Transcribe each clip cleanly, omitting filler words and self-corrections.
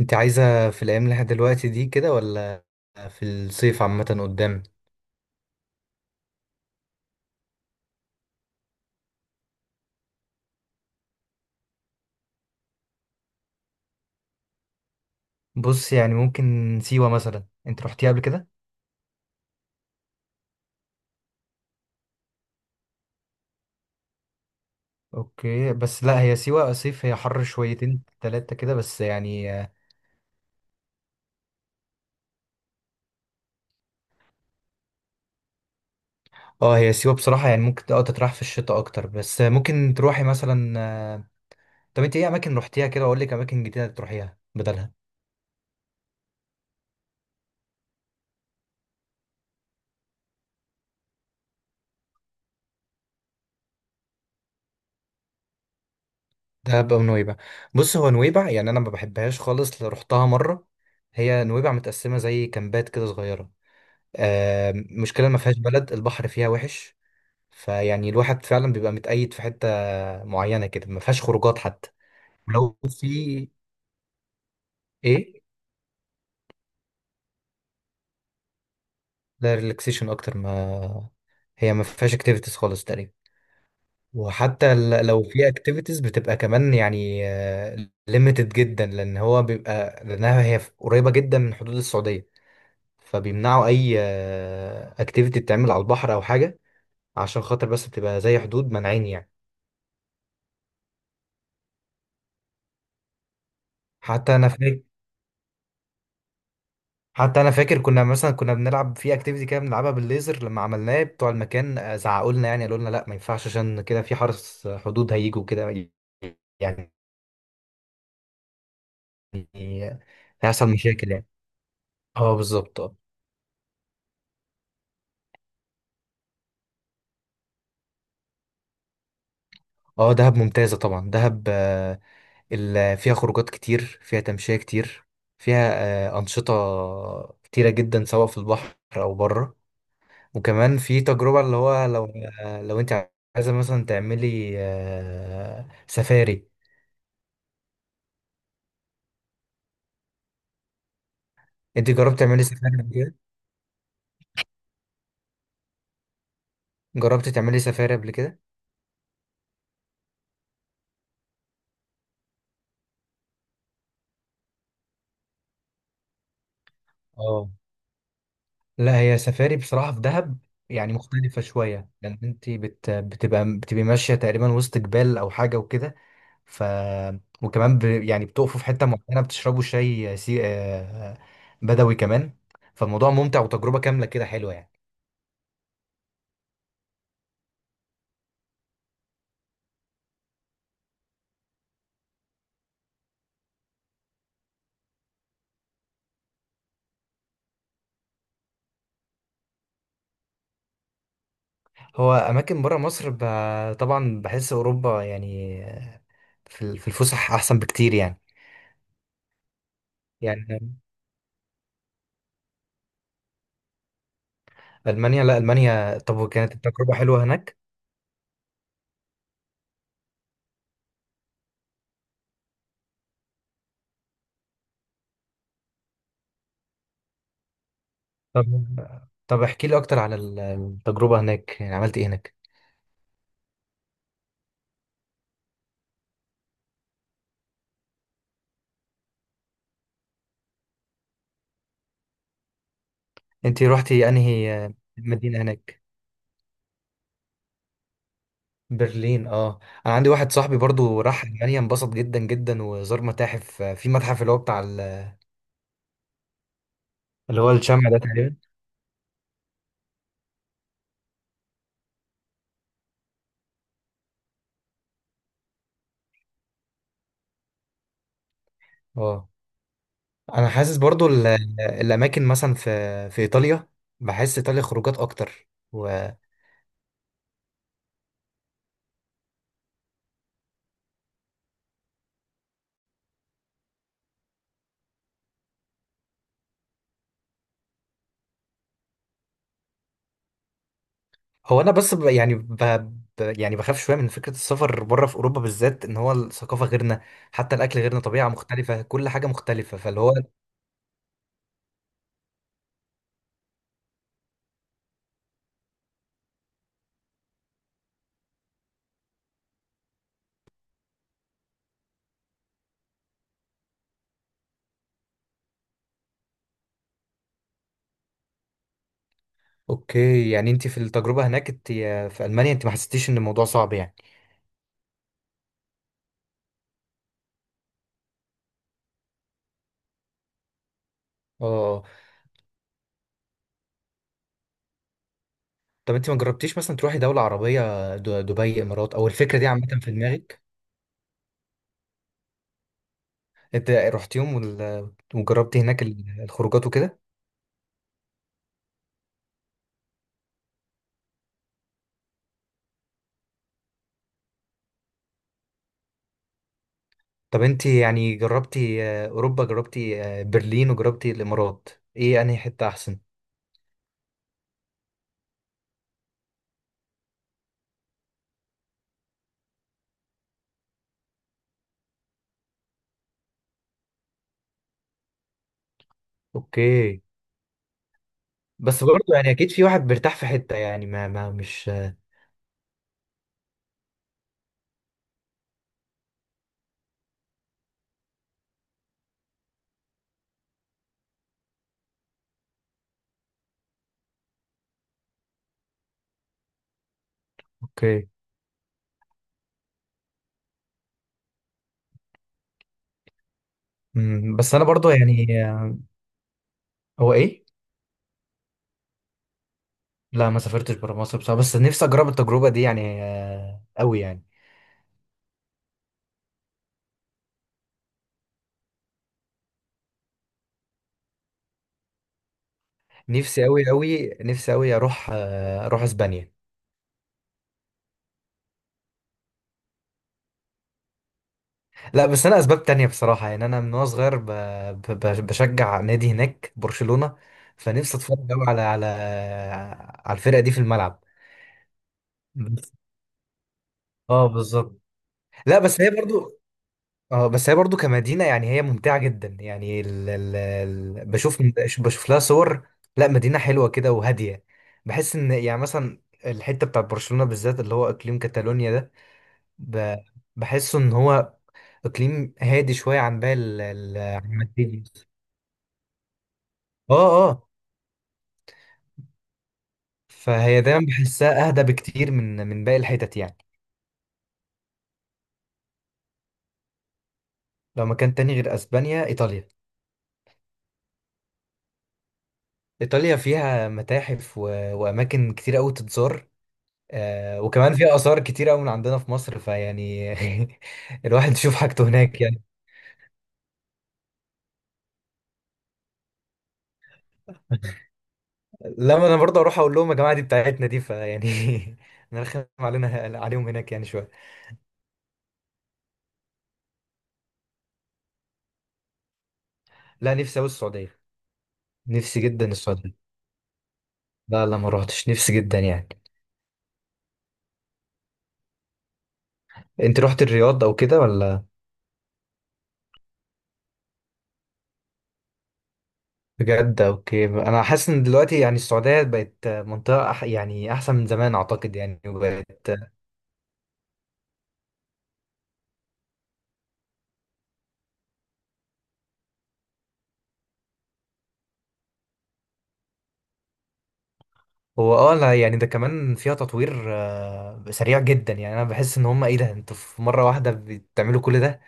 انت عايزة في الأيام اللي احنا دلوقتي دي كده، ولا في الصيف عامة قدام؟ بص، يعني ممكن سيوة مثلا. انت رحتيها قبل كده؟ اوكي، بس لا هي سيوة صيف، هي حر شويتين تلاتة كده بس يعني. اه، هي سيوة بصراحة يعني ممكن تتراح في الشتاء اكتر، بس ممكن تروحي مثلا طب انت ايه اماكن رحتيها كده، واقول لك اماكن جديدة تروحيها بدلها؟ دهب او نويبع. بص، هو نويبع يعني انا ما بحبهاش خالص، لا رحتها مرة. هي نويبع متقسمة زي كامبات كده صغيرة. مشكلة ما فيهاش بلد، البحر فيها وحش. فيعني الواحد فعلا بيبقى متقيد في حتة معينة كده، ما فيهاش خروجات حتى. ولو في. ايه؟ ده ريلاكسيشن اكتر، ما هي ما فيهاش اكتيفيتيز خالص تقريبا. وحتى لو في اكتيفيتيز بتبقى كمان يعني ليميتد جدا، لان هو بيبقى، لانها هي قريبة جدا من حدود السعودية. فبيمنعوا اي اكتيفيتي تتعمل على البحر او حاجة، عشان خاطر بس بتبقى زي حدود مانعين يعني. حتى انا فاكر حتى انا فاكر كنا مثلا كنا بنلعب في اكتيفيتي كده، بنلعبها بالليزر. لما عملناه بتوع المكان زعقوا لنا، يعني قالوا لنا لا ما ينفعش، عشان كده في حرس حدود هيجوا كده، يعني هيحصل مشاكل يعني. اه بالظبط اه. اه، دهب ممتازة طبعا. دهب فيها خروجات كتير، فيها تمشية كتير، فيها أنشطة كتيرة جدا، سواء في البحر أو بره. وكمان في تجربة اللي هو لو لو أنت عايزة مثلا تعملي سفاري. انت جربت تعملي سفاري قبل كده؟ جربت تعملي سفاري قبل كده؟ اه، لا هي سفاري بصراحة في دهب يعني مختلفة شوية، لأن أنت بتبقي ماشية تقريبا وسط جبال أو حاجة وكده. ف وكمان يعني بتقفوا في حتة معينة بتشربوا شاي بدوي كمان. فالموضوع ممتع، وتجربة كاملة كده حلوة يعني. هو أماكن برا مصر طبعا بحس أوروبا يعني في في الفسح أحسن بكتير يعني. يعني ألمانيا؟ لا ألمانيا، طب وكانت التجربة حلوة هناك؟ طب طب احكي لي اكتر على التجربة هناك، يعني عملت ايه هناك؟ انت روحتي انهي مدينة هناك؟ برلين، اه. انا عندي واحد صاحبي برضو راح المانيا، انبسط جدا جدا، وزار متاحف، في متحف اللي هو بتاع اللي هو الشمع ده تقريبا. اه، انا حاسس برضو الاماكن مثلا في ايطاليا. بحس ايطاليا خروجات اكتر، وهو انا بس يعني يعني بخاف شويه من فكره السفر بره في اوروبا بالذات، ان هو الثقافه غيرنا، حتى الاكل غيرنا، طبيعه مختلفه، كل حاجه مختلفه، فاللي هو اوكي، يعني انت في التجربه هناك، انت في المانيا، انت ما حسيتيش ان الموضوع صعب يعني؟ اه. طب انت ما جربتيش مثلا تروحي دوله عربيه، دبي، امارات؟ او الفكره دي عامه في دماغك؟ انت رحتيهم، وجربتي هناك الخروجات وكده؟ طب انت يعني جربتي اوروبا، جربتي برلين، وجربتي الامارات. ايه انهي حته احسن؟ اوكي، بس برضه يعني اكيد في واحد بيرتاح في حته يعني ما مش اوكي. بس انا برضه يعني هو ايه؟ لا، ما سافرتش برا مصر بصراحة، بس نفسي أجرب التجربة دي يعني أوي يعني. نفسي أوي أروح أسبانيا. لا، بس أنا أسباب تانية بصراحة، يعني أنا من وأنا صغير بشجع نادي هناك، برشلونة. فنفسي أتفرج أوي على الفرقة دي في الملعب. بس- اه بالظبط. لا بس هي برضو. اه، بس هي برضو كمدينة يعني هي ممتعة جدا يعني ال ال ال بشوف. بشوف لها صور. لا، مدينة حلوة كده وهادية. بحس ان يعني مثلا الحتة بتاعت برشلونة بالذات، اللي هو اقليم كاتالونيا ده. ب- بحسه ان هو اقليم هادي شوية عن باقي عن مدريد. اه، اه. فهي دايما بحسها اهدى بكتير من باقي الحتت يعني. لو مكان تاني غير اسبانيا، ايطاليا. ايطاليا فيها متاحف واماكن كتير قوي تتزار، وكمان في آثار كتيرة أوي من عندنا في مصر، فيعني الواحد يشوف حاجته هناك يعني. لما أنا برضه أروح أقول لهم يا جماعة دي بتاعتنا دي، فيعني نرخم عليهم هناك يعني شوية. لا، نفسي أوي السعودية. نفسي جدا السعودية. لا، لا، ما روحتش، نفسي جدا يعني. أنت رحت الرياض أو كده، ولا؟ بجد؟ أوكي، أنا حاسس إن دلوقتي يعني السعودية بقت منطقة يعني أحسن من زمان أعتقد يعني وبقت هو اه، لا يعني ده كمان فيها تطوير سريع جدا، يعني انا بحس ان هم ايه ده، انتوا في مره واحده بتعملوا كل ده؟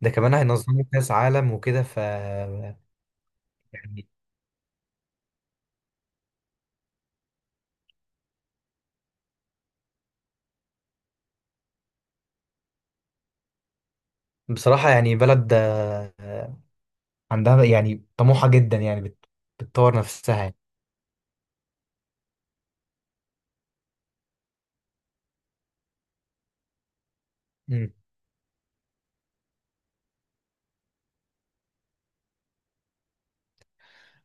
ده كمان هينظموا كاس عالم وكده يعني بصراحه، يعني بلد عندها يعني طموحه جدا يعني بتطور نفسها يعني. مم.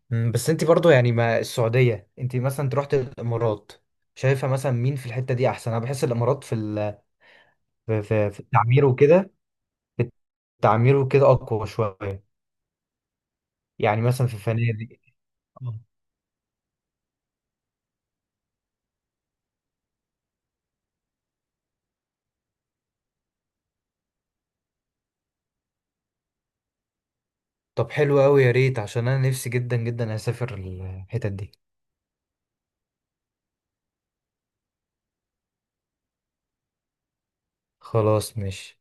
بس انت برضو يعني ما السعوديه، انت رحت الامارات. شايفه مثلا مين في الحته دي احسن؟ انا بحس الامارات في في التعمير وكده. التعمير وكده اقوى شويه، يعني مثلا في الفنادق. طب حلو قوي، يا ريت، عشان انا نفسي جدا جدا اسافر الحتت دي. خلاص، ماشي.